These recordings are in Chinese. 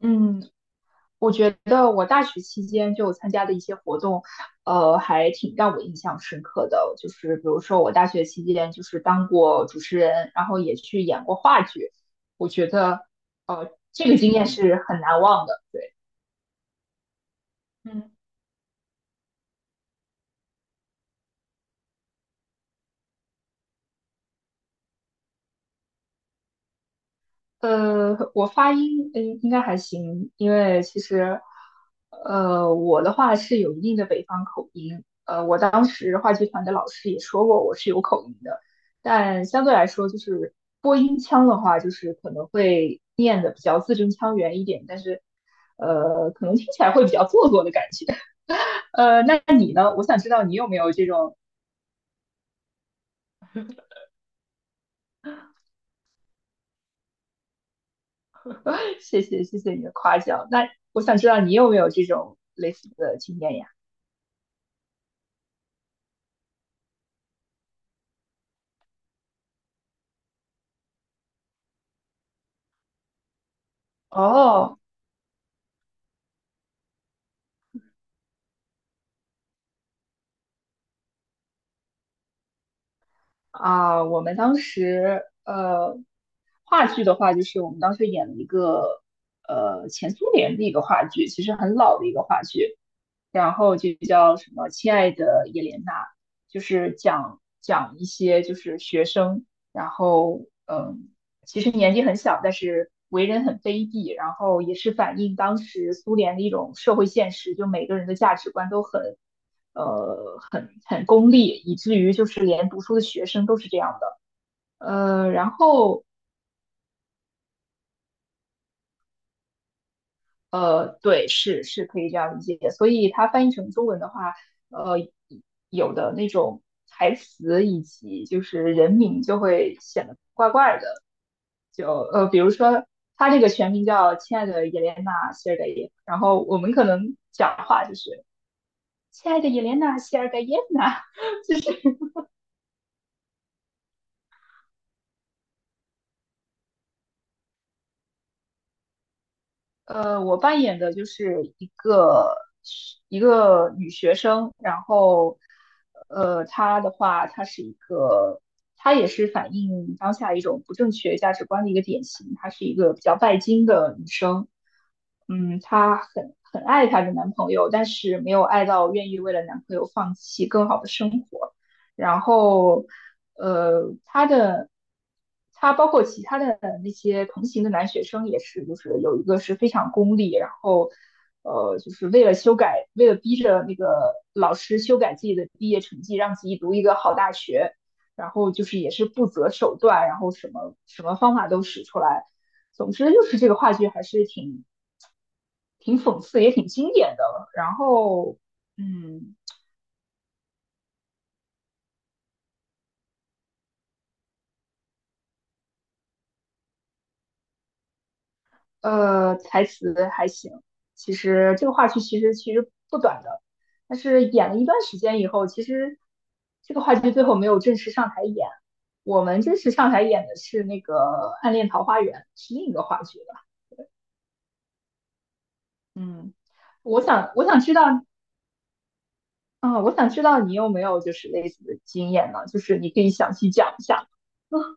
嗯，我觉得我大学期间就参加的一些活动，还挺让我印象深刻的。就是比如说，我大学期间就是当过主持人，然后也去演过话剧。我觉得，这个经验是很难忘的。对，嗯。我发音应该还行，因为其实我的话是有一定的北方口音，我当时话剧团的老师也说过我是有口音的，但相对来说就是播音腔的话，就是可能会念的比较字正腔圆一点，但是可能听起来会比较做作的感觉。那你呢？我想知道你有没有这种，谢谢你的夸奖。那我想知道你有没有这种类似的经验呀？哦，啊，我们当时话剧的话，就是我们当时演了一个前苏联的一个话剧，其实很老的一个话剧，然后就叫什么“亲爱的叶莲娜”，就是讲一些就是学生，然后嗯，其实年纪很小，但是为人很卑鄙，然后也是反映当时苏联的一种社会现实，就每个人的价值观都很很功利，以至于就是连读书的学生都是这样的。呃，然后呃，对，是是可以这样理解。所以它翻译成中文的话，呃，有的那种台词以及就是人名就会显得怪怪的。比如说他这个全名叫亲爱的叶莲娜·谢尔盖耶夫，然后我们可能讲话就是亲爱的叶莲娜·谢尔盖耶娜，我扮演的就是一个女学生，然后，她的话，她是一个，她也是反映当下一种不正确价值观的一个典型，她是一个比较拜金的女生，嗯，她很爱她的男朋友，但是没有爱到愿意为了男朋友放弃更好的生活。然后呃，他的他包括其他的那些同行的男学生也是，就是有一个是非常功利，然后就是为了修改，为了逼着那个老师修改自己的毕业成绩，让自己读一个好大学，然后就是也是不择手段，然后什么什么方法都使出来。总之就是这个话剧还是挺讽刺，也挺经典的。然后嗯。台词还行。其实这个话剧其实不短的，但是演了一段时间以后，其实这个话剧最后没有正式上台演。我们正式上台演的是那个《暗恋桃花源》，是另一个话剧了。嗯，我想知道，嗯，我想知道你有没有就是类似的经验呢？就是你可以详细讲一下。嗯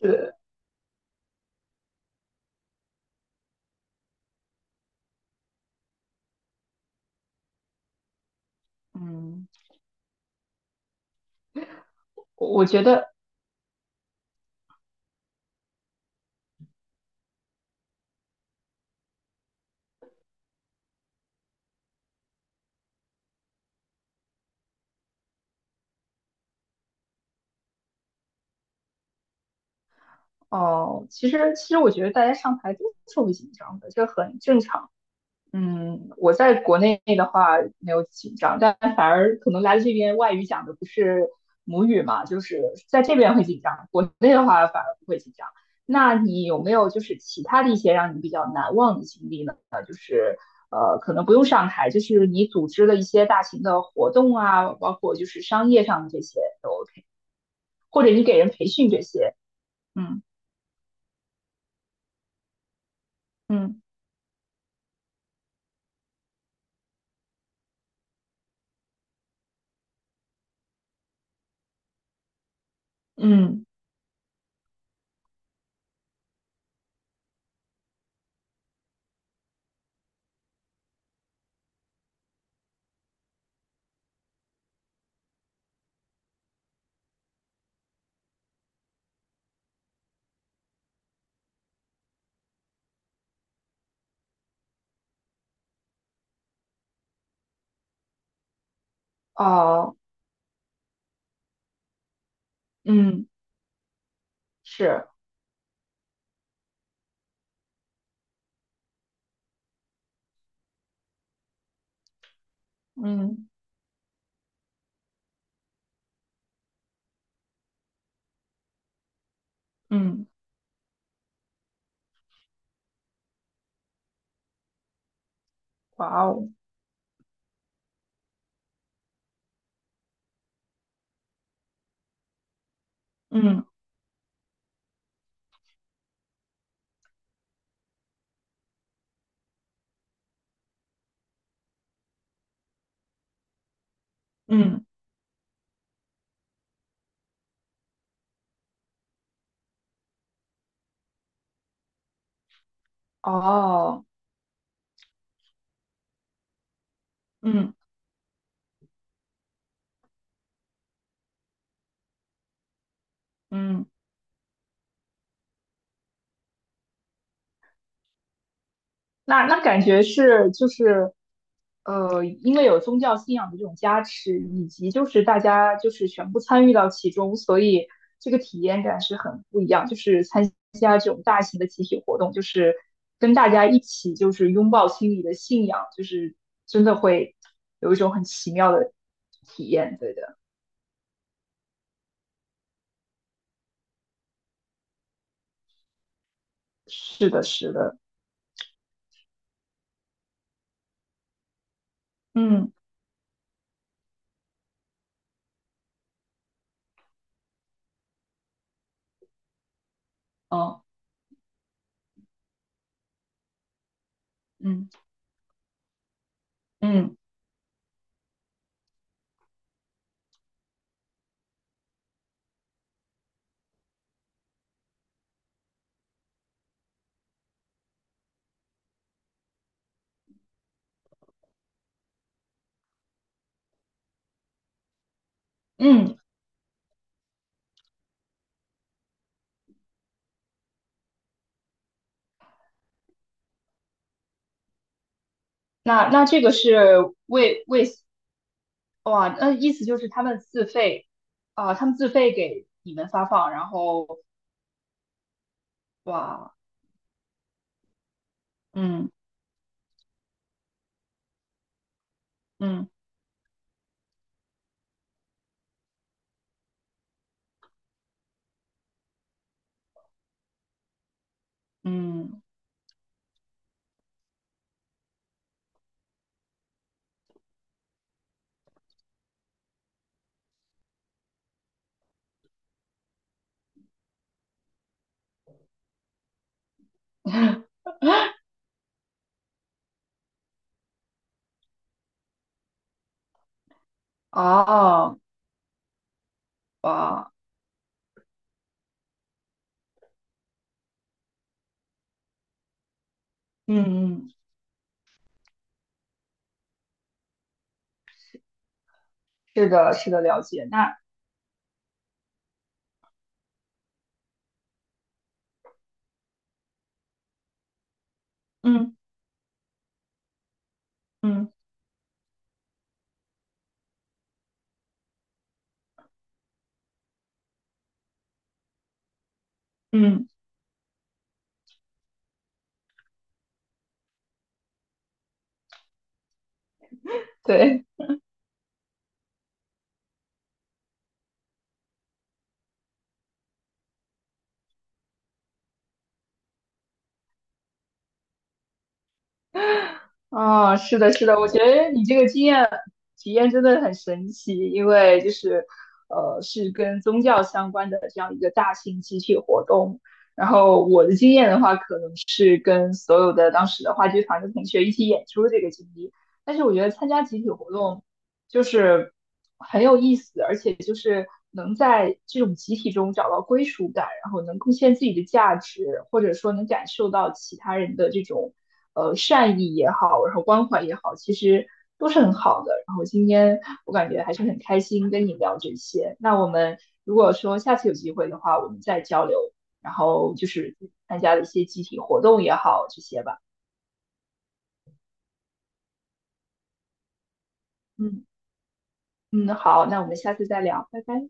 是，嗯我觉得，哦、其实我觉得大家上台都是会紧张的，这很正常。嗯，我在国内的话没有紧张，但反而可能来了这边外语讲的不是母语嘛，就是在这边会紧张，国内的话反而不会紧张。那你有没有就是其他的一些让你比较难忘的经历呢？就是可能不用上台，就是你组织了一些大型的活动啊，包括就是商业上的这些都 OK，或者你给人培训这些，嗯嗯嗯，哦，嗯，是，嗯嗯，哇哦，嗯。嗯，哦，嗯嗯，那那感觉是就是，因为有宗教信仰的这种加持，以及就是大家就是全部参与到其中，所以这个体验感是很不一样。就是参加这种大型的集体活动，就是跟大家一起就是拥抱心里的信仰，就是真的会有一种很奇妙的体验。对的，是的，是的，嗯，哦，嗯嗯嗯。那那这个是为为哇，那意思就是他们自费啊，他们自费给你们发放，然后哇，嗯嗯嗯，哦哇，嗯嗯，嗯是的，是的，了解。那嗯嗯嗯，对。啊，是的，是的，我觉得你这个经验体验真的很神奇，因为就是，是跟宗教相关的这样一个大型集体活动。然后我的经验的话，可能是跟所有的当时的话剧团的同学一起演出这个经历。但是我觉得参加集体活动就是很有意思，而且就是能在这种集体中找到归属感，然后能贡献自己的价值，或者说能感受到其他人的这种善意也好，然后关怀也好，其实都是很好的。然后今天我感觉还是很开心跟你聊这些。那我们如果说下次有机会的话，我们再交流，然后就是参加的一些集体活动也好，这些吧。嗯嗯，好，那我们下次再聊，拜拜。